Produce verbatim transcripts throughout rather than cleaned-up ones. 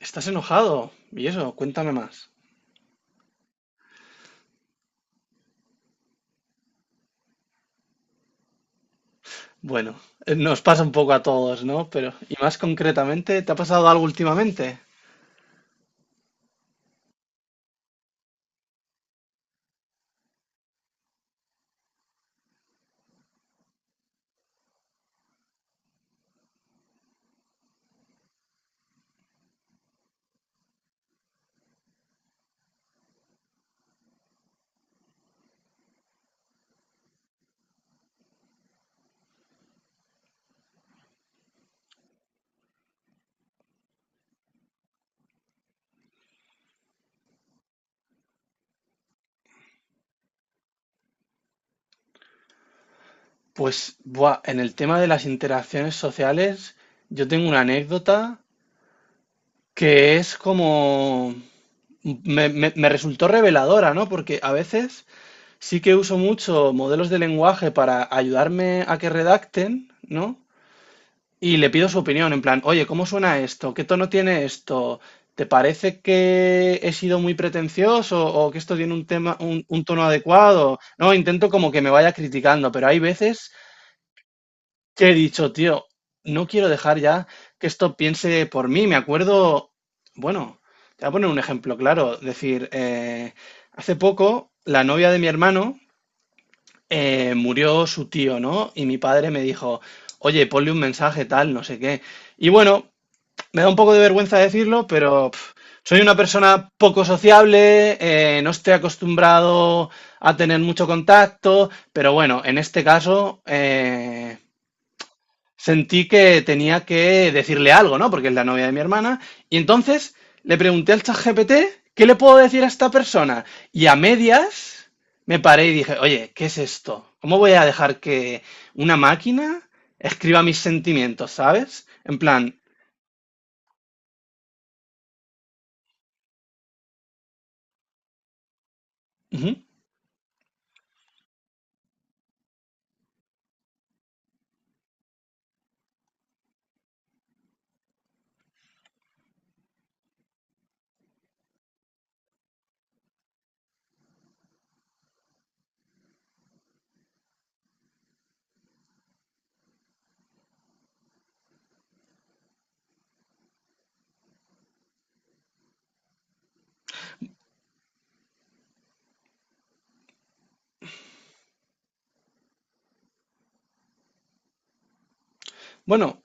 Estás enojado. ¿Y eso? Cuéntame más. Bueno, eh, nos pasa un poco a todos, ¿no? Pero, y más concretamente, ¿te ha pasado algo últimamente? Pues, buah, en el tema de las interacciones sociales, yo tengo una anécdota que es como... Me, me- me resultó reveladora, ¿no? Porque a veces sí que uso mucho modelos de lenguaje para ayudarme a que redacten, ¿no? Y le pido su opinión, en plan, oye, ¿cómo suena esto? ¿Qué tono tiene esto? ¿Te parece que he sido muy pretencioso o que esto tiene un tema, un, un tono adecuado? No, intento como que me vaya criticando, pero hay veces que he dicho, tío, no quiero dejar ya que esto piense por mí. Me acuerdo, bueno, te voy a poner un ejemplo claro, decir, eh, hace poco la novia de mi hermano eh, murió su tío, ¿no? Y mi padre me dijo, oye, ponle un mensaje tal, no sé qué. Y bueno, me da un poco de vergüenza decirlo, pero pf, soy una persona poco sociable, eh, no estoy acostumbrado a tener mucho contacto, pero bueno, en este caso eh, sentí que tenía que decirle algo, ¿no? Porque es la novia de mi hermana. Y entonces le pregunté al ChatGPT, ¿qué le puedo decir a esta persona? Y a medias me paré y dije, oye, ¿qué es esto? ¿Cómo voy a dejar que una máquina escriba mis sentimientos, ¿sabes? En plan, ujú. Bueno,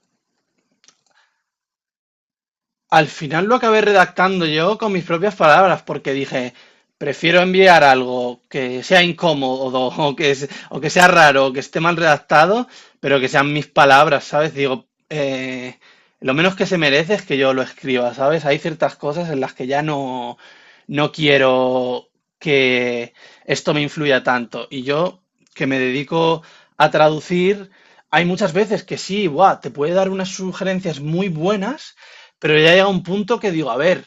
al final lo acabé redactando yo con mis propias palabras, porque dije, prefiero enviar algo que sea incómodo o que, es- o que sea raro o que esté mal redactado, pero que sean mis palabras, ¿sabes? Digo, eh, lo menos que se merece es que yo lo escriba, ¿sabes? Hay ciertas cosas en las que ya no, no quiero que esto me influya tanto. Y yo, que me dedico a traducir, hay muchas veces que sí, buah, te puede dar unas sugerencias muy buenas pero ya llega un punto que digo, a ver,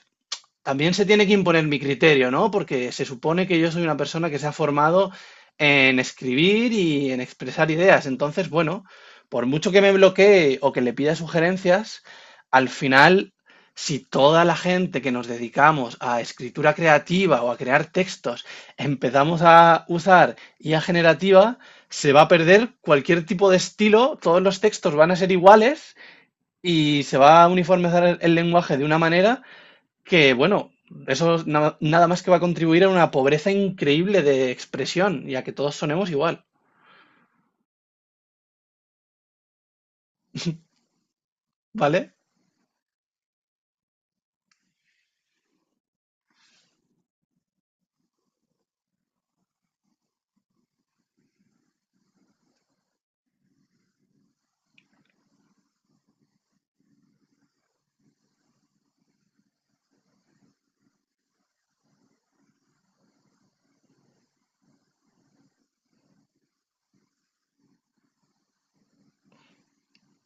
también se tiene que imponer mi criterio, ¿no? Porque se supone que yo soy una persona que se ha formado en escribir y en expresar ideas. Entonces, bueno, por mucho que me bloquee o que le pida sugerencias, al final, si toda la gente que nos dedicamos a escritura creativa o a crear textos empezamos a usar I A generativa, se va a perder cualquier tipo de estilo, todos los textos van a ser iguales y se va a uniformizar el, el lenguaje de una manera que, bueno, eso es na- nada más que va a contribuir a una pobreza increíble de expresión y a que todos sonemos igual. ¿Vale?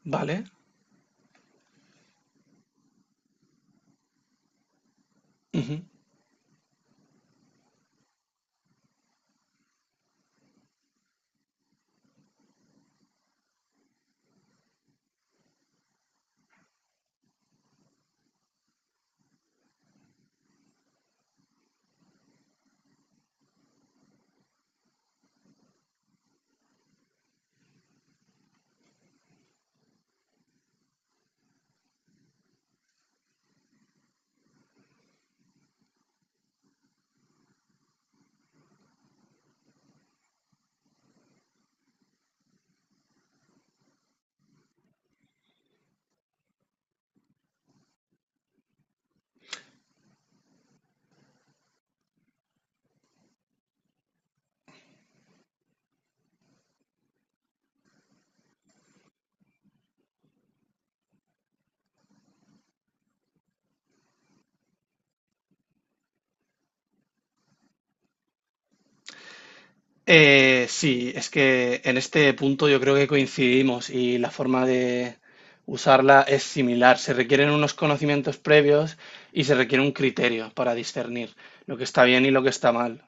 ¿Vale? Ujú. Eh, sí, es que en este punto yo creo que coincidimos y la forma de usarla es similar. Se requieren unos conocimientos previos y se requiere un criterio para discernir lo que está bien y lo que está mal.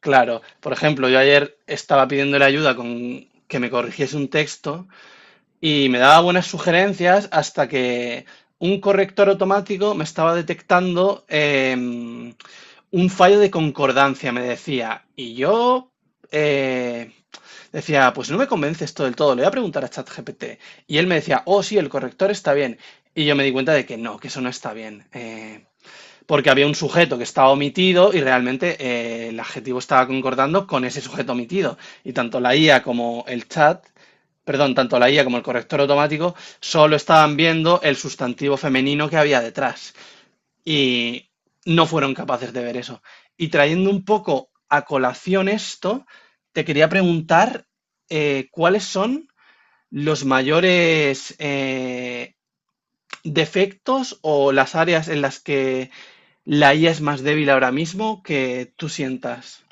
Claro, por ejemplo, yo ayer estaba pidiéndole ayuda con que me corrigiese un texto y me daba buenas sugerencias hasta que un corrector automático me estaba detectando em, un fallo de concordancia, me decía. Y yo eh, decía, pues no me convence esto del todo, le voy a preguntar a ChatGPT. Y él me decía, oh sí, el corrector está bien. Y yo me di cuenta de que no, que eso no está bien. Eh, porque había un sujeto que estaba omitido y realmente eh, el adjetivo estaba concordando con ese sujeto omitido. Y tanto la I A como el chat, perdón, tanto la I A como el corrector automático solo estaban viendo el sustantivo femenino que había detrás. Y no fueron capaces de ver eso. Y trayendo un poco a colación esto, te quería preguntar eh, cuáles son los mayores eh, defectos o las áreas en las que la I A es más débil ahora mismo que tú sientas.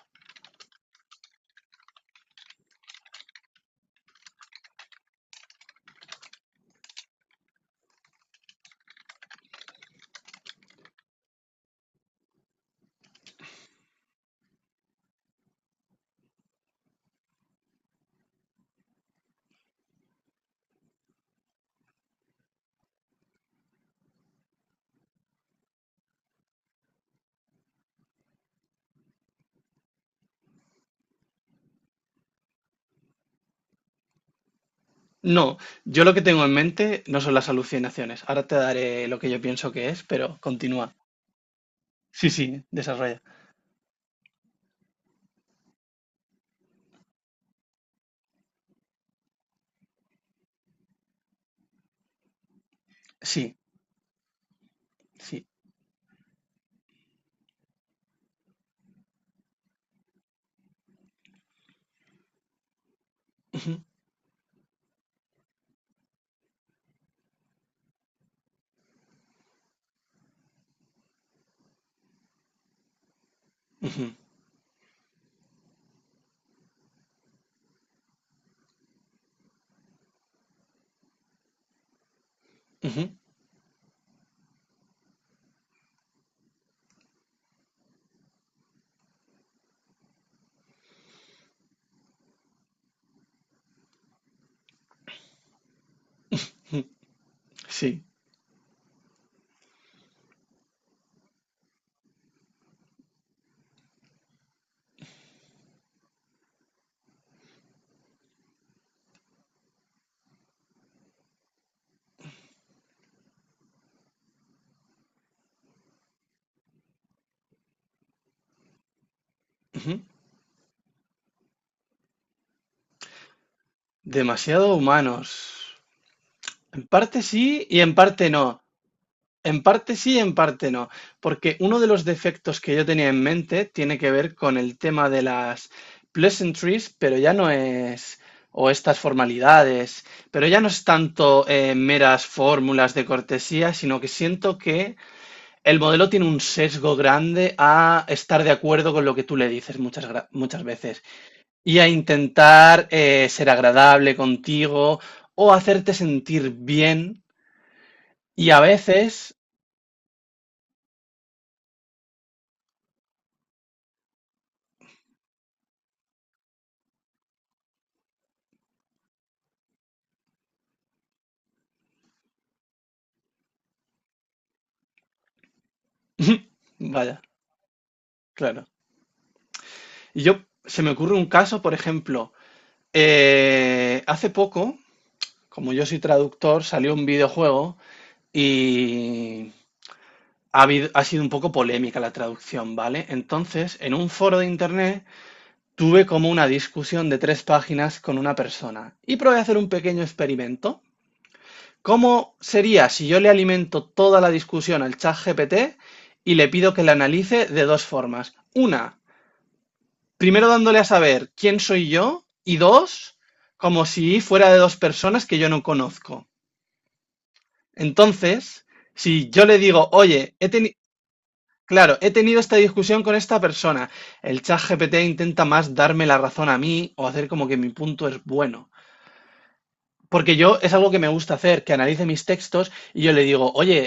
No, yo lo que tengo en mente no son las alucinaciones. Ahora te daré lo que yo pienso que es, pero continúa. Sí, sí, desarrolla. Sí, sí. Ujú, ujú, ujú. Sí. Ujú. Demasiado humanos. En parte sí y en parte no. En parte sí, en parte no, porque uno de los defectos que yo tenía en mente tiene que ver con el tema de las pleasantries, pero ya no es, o estas formalidades, pero ya no es tanto eh, meras fórmulas de cortesía, sino que siento que el modelo tiene un sesgo grande a estar de acuerdo con lo que tú le dices muchas, gra- muchas veces y a intentar eh, ser agradable contigo o hacerte sentir bien y a veces... Vaya. Claro. Y yo, se me ocurre un caso, por ejemplo, eh, hace poco, como yo soy traductor, salió un videojuego y ha, habido- ha sido un poco polémica la traducción, ¿vale? Entonces, en un foro de internet tuve como una discusión de tres páginas con una persona y probé a hacer un pequeño experimento. ¿Cómo sería si yo le alimento toda la discusión al chat G P T y le pido que la analice de dos formas? Una, primero dándole a saber quién soy yo y dos, como si fuera de dos personas que yo no conozco. Entonces, si yo le digo, oye, he tenido... Claro, he tenido esta discusión con esta persona. El chat G P T intenta más darme la razón a mí o hacer como que mi punto es bueno. Porque yo es algo que me gusta hacer, que analice mis textos y yo le digo, oye,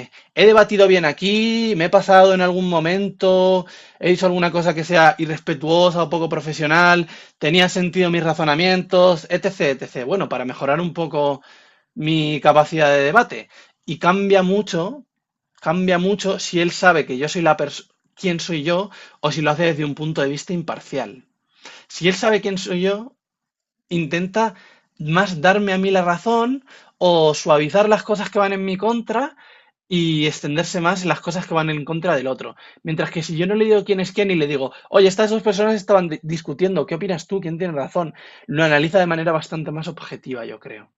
eh, he debatido bien aquí, me he pasado en algún momento, he hecho alguna cosa que sea irrespetuosa o poco profesional, tenía sentido mis razonamientos, etcétera, etcétera. Bueno, para mejorar un poco mi capacidad de debate. Y cambia mucho, cambia mucho si él sabe que yo soy la persona, quién soy yo, o si lo hace desde un punto de vista imparcial. Si él sabe quién soy yo, intenta más darme a mí la razón o suavizar las cosas que van en mi contra y extenderse más las cosas que van en contra del otro. Mientras que si yo no le digo quién es quién y le digo, oye, estas dos personas estaban discutiendo, ¿qué opinas tú? ¿Quién tiene razón? Lo analiza de manera bastante más objetiva, yo creo.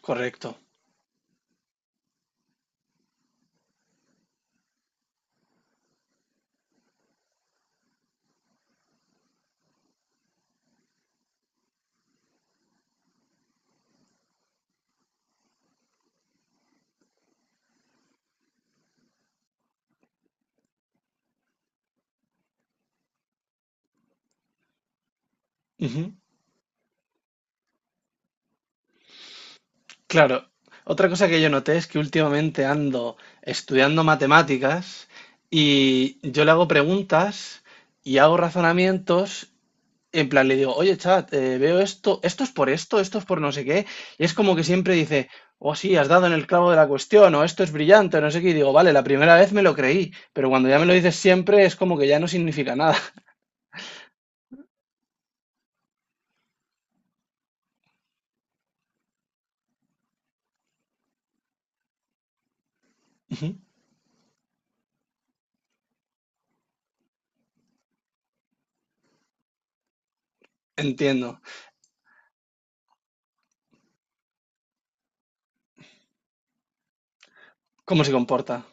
Correcto. Ujú. Claro. Otra cosa que yo noté es que últimamente ando estudiando matemáticas y yo le hago preguntas y hago razonamientos. En plan, le digo, oye, chat, eh, veo esto, esto es por esto, esto es por no sé qué. Y es como que siempre dice, oh, sí, has dado en el clavo de la cuestión, o esto es brillante, o no sé qué. Y digo, vale, la primera vez me lo creí, pero cuando ya me lo dices siempre es como que ya no significa nada. Ujú. Entiendo cómo se comporta.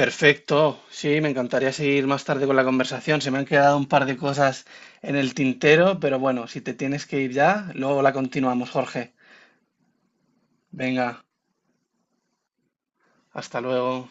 Perfecto, sí, me encantaría seguir más tarde con la conversación. Se me han quedado un par de cosas en el tintero, pero bueno, si te tienes que ir ya, luego la continuamos, Jorge. Venga, hasta luego.